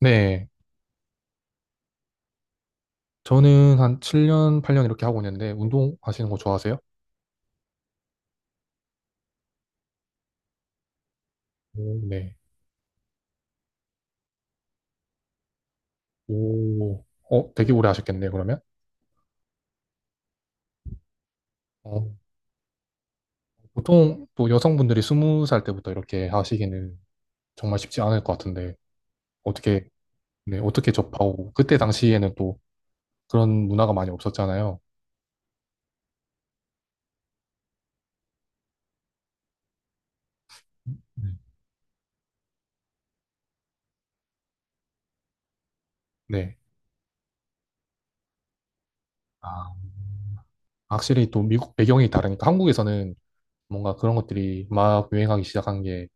네. 저는 한 7년, 8년 이렇게 하고 있는데, 운동하시는 거 좋아하세요? 오, 네. 오, 어, 되게 오래 하셨겠네요, 그러면. 어, 보통 또 여성분들이 20살 때부터 이렇게 하시기는 정말 쉽지 않을 것 같은데, 어떻게, 네, 어떻게 접하고, 그때 당시에는 또 그런 문화가 많이 없었잖아요. 네. 네. 아, 확실히 또 미국 배경이 다르니까, 한국에서는 뭔가 그런 것들이 막 유행하기 시작한 게,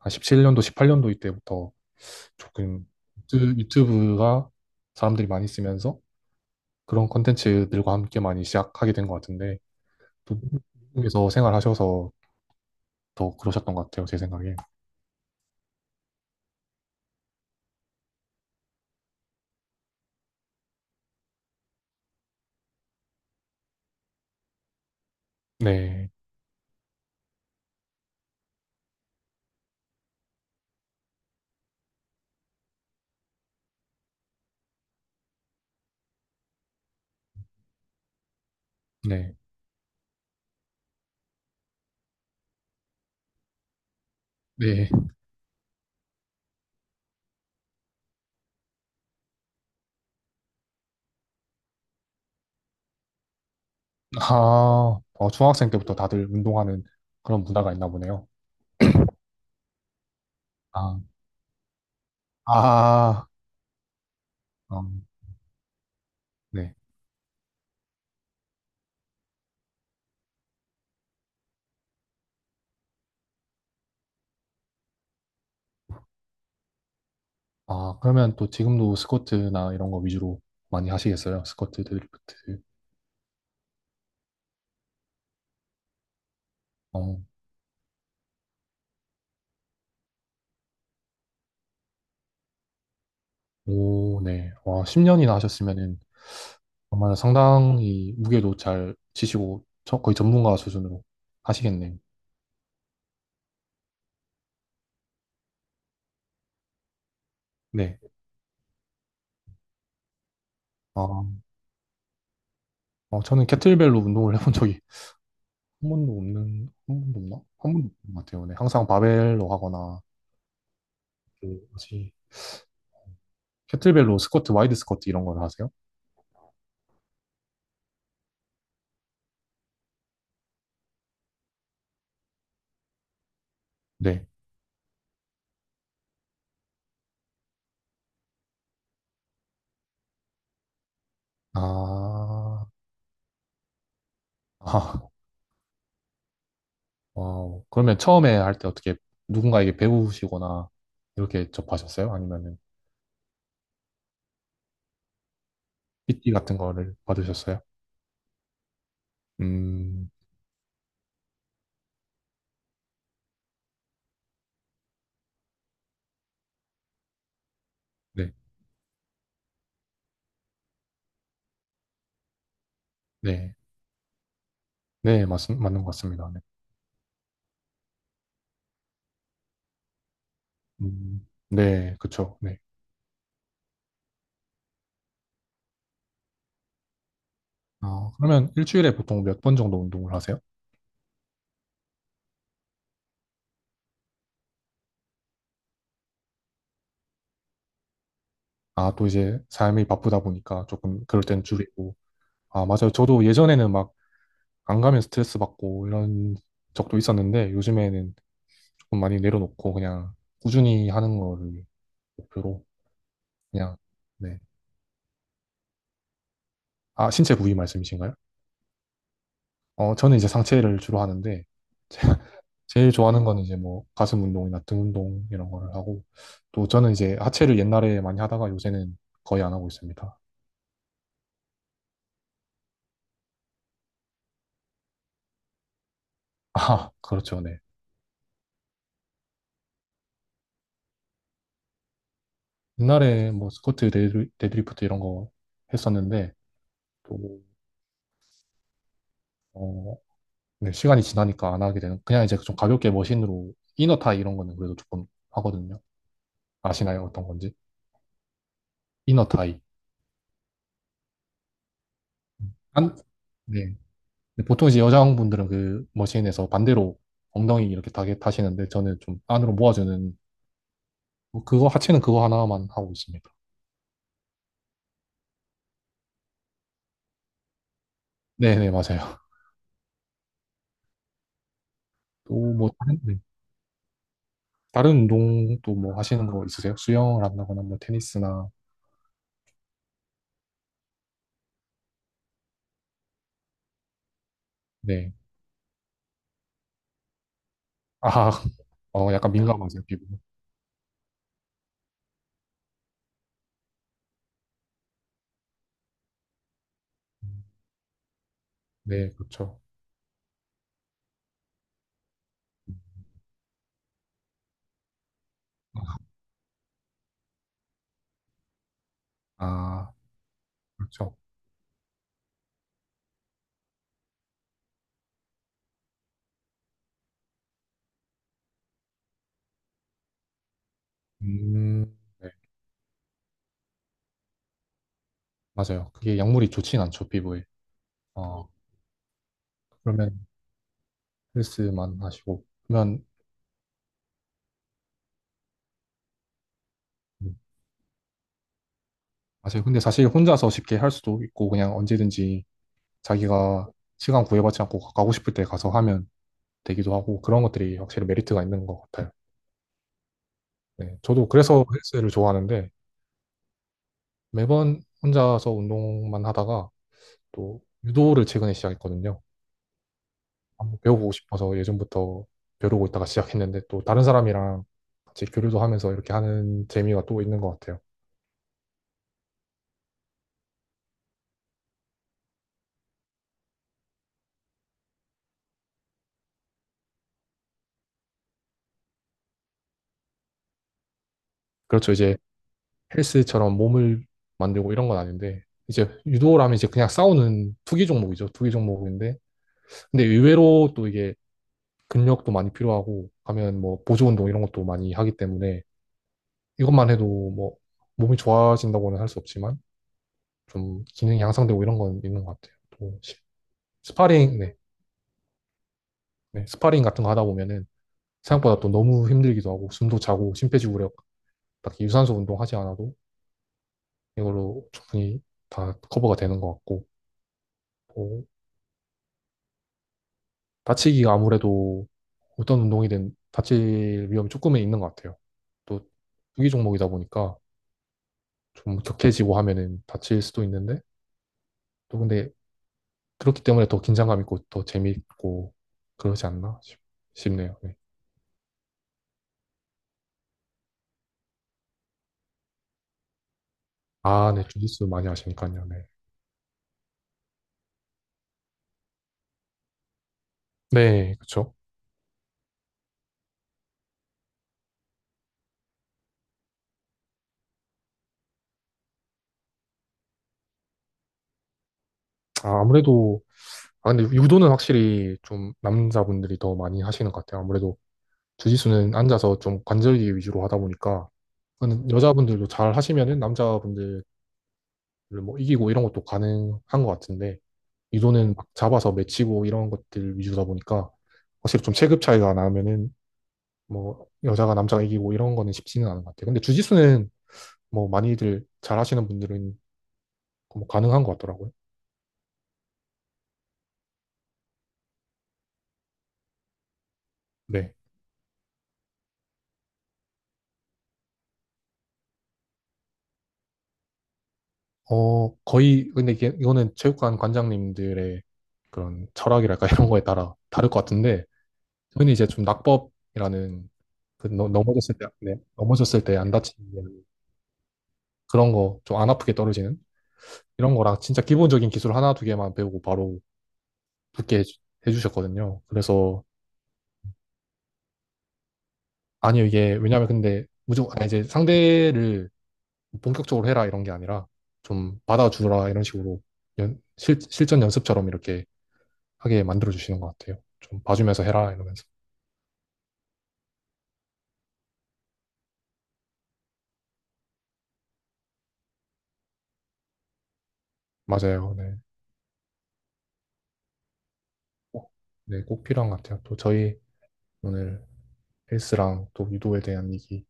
한 17년도, 18년도 이때부터 조금 유튜브가 사람들이 많이 쓰면서 그런 콘텐츠들과 함께 많이 시작하게 된 것 같은데 또 미국에서 생활하셔서 더 그러셨던 것 같아요, 제 생각에. 네, 네, 네. 아, 어, 중학생 때부터 다들 운동하는 그런 문화가 있나 보네요. 아, 아, 음, 네. 아, 그러면 또 지금도 스쿼트나 이런 거 위주로 많이 하시겠어요? 스쿼트, 데드리프트. 어, 오, 네. 와, 10년이나 하셨으면은 정말 상당히 무게도 잘 치시고 거의 전문가 수준으로 하시겠네요. 네. 아, 어, 저는 캐틀벨로 운동을 해본 적이 한 번도 없는, 한 번도 없나? 한 번도 없는 것 같아요. 네. 항상 바벨로 하거나, 그, 뭐지, 캐틀벨로 스쿼트, 와이드 스쿼트 이런 걸 하세요? 네. 아, 아, 와우. 그러면 처음에 할 때 어떻게 누군가에게 배우시거나 이렇게 접하셨어요? 아니면은 PT 같은 거를 받으셨어요? 음, 네. 네. 네, 맞는 것 같습니다. 네, 그쵸. 네. 아, 그러면 일주일에 보통 몇 번 정도 운동을 하세요? 아, 또 이제 삶이 바쁘다 보니까 조금 그럴 땐 줄이고. 아, 맞아요. 저도 예전에는 막 안 가면 스트레스 받고 이런 적도 있었는데 요즘에는 조금 많이 내려놓고 그냥 꾸준히 하는 거를 목표로 그냥, 네. 아, 신체 부위 말씀이신가요? 어, 저는 이제 상체를 주로 하는데 제일 좋아하는 건 이제 뭐 가슴 운동이나 등 운동 이런 거를 하고 또 저는 이제 하체를 옛날에 많이 하다가 요새는 거의 안 하고 있습니다. 아, 그렇죠. 네. 옛날에 뭐 스쿼트, 데드리프트 이런 거 했었는데 또 어, 네, 시간이 지나니까 안 하게 되는 그냥 이제 좀 가볍게 머신으로 이너 타이 이런 거는 그래도 조금 하거든요. 아시나요? 어떤 건지? 이너 타이. 안, 네. 근데 보통 이제 여자분들은 그 머신에서 반대로 엉덩이 이렇게 타게 타시는데 저는 좀 안으로 모아주는 뭐 그거 하체는 그거 하나만 하고 있습니다. 네네 맞아요. 또 뭐 다른 네. 다른 운동 또 뭐 하시는 거 있으세요? 수영을 한다거나 뭐 테니스나 네. 아, 어 약간 민감하세요 피부. 네 그렇죠. 아 그렇죠. 음, 네 맞아요. 그게 약물이 좋진 않죠 피부에. 어 그러면 헬스만 하시고 그러면 음, 맞아요. 근데 사실 혼자서 쉽게 할 수도 있고 그냥 언제든지 자기가 시간 구애받지 않고 가고 싶을 때 가서 하면 되기도 하고 그런 것들이 확실히 메리트가 있는 것 같아요. 네, 저도 그래서 헬스를 좋아하는데 매번 혼자서 운동만 하다가 또 유도를 최근에 시작했거든요. 한번 배워보고 싶어서 예전부터 배우고 있다가 시작했는데 또 다른 사람이랑 같이 교류도 하면서 이렇게 하는 재미가 또 있는 것 같아요. 그렇죠. 이제 헬스처럼 몸을 만들고 이런 건 아닌데 이제 유도라면 이제 그냥 싸우는 투기 종목이죠. 투기 종목인데 근데 의외로 또 이게 근력도 많이 필요하고 하면 뭐 보조 운동 이런 것도 많이 하기 때문에 이것만 해도 뭐 몸이 좋아진다고는 할 수 없지만 좀 기능이 향상되고 이런 건 있는 것 같아요. 또 스파링, 네, 네, 스파링 같은 거 하다 보면은 생각보다 또 너무 힘들기도 하고 숨도 차고 심폐지구력 딱히 유산소 운동 하지 않아도 이걸로 충분히 다 커버가 되는 것 같고 뭐 다치기가 아무래도 어떤 운동이든 다칠 위험이 조금은 있는 것 같아요. 또 투기 종목이다 보니까 좀 격해지고 하면은 다칠 수도 있는데 또 근데 그렇기 때문에 더 긴장감 있고 더 재미있고 그러지 않나 싶네요. 네. 아, 네. 주짓수 많이 하시니까요 네. 네, 그쵸. 아, 아무래도, 아, 근데 유도는 확실히 좀 남자분들이 더 많이 하시는 것 같아요. 아무래도 주짓수는 앉아서 좀 관절기 위주로 하다 보니까, 근데 여자분들도 잘 하시면은 남자분들을 뭐 이기고 이런 것도 가능한 것 같은데, 유도는 막 잡아서 맺히고 이런 것들 위주다 보니까, 확실히 좀 체급 차이가 나면은 뭐 여자가 남자가 이기고 이런 거는 쉽지는 않은 것 같아요. 근데 주짓수는 뭐 많이들 잘 하시는 분들은 뭐 가능한 것 같더라고요. 네. 어, 거의 근데 이게 이거는 체육관 관장님들의 그런 철학이랄까 이런 거에 따라 다를 것 같은데 저는 이제 좀 낙법이라는 그 넘어졌을 때, 네, 넘어졌을 때 안 다치는 그런 거 좀 안 아프게 떨어지는 이런 거랑 진짜 기본적인 기술 하나 두 개만 배우고 바로 붙게 해주셨거든요. 그래서 아니요 이게 왜냐면 근데 무조건 아, 이제 상대를 본격적으로 해라 이런 게 아니라 좀 받아주라 이런 식으로 실전 연습처럼 이렇게 하게 만들어 주시는 것 같아요. 좀 봐주면서 해라 이러면서. 맞아요. 네. 꼭, 네, 꼭 필요한 것 같아요. 또 저희 오늘 헬스랑 또 유도에 대한 얘기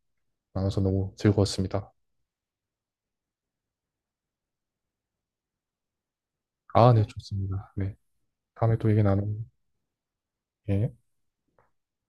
나눠서 너무 즐거웠습니다. 아, 네, 좋습니다. 네. 다음에 또 얘기 나눠요. 예.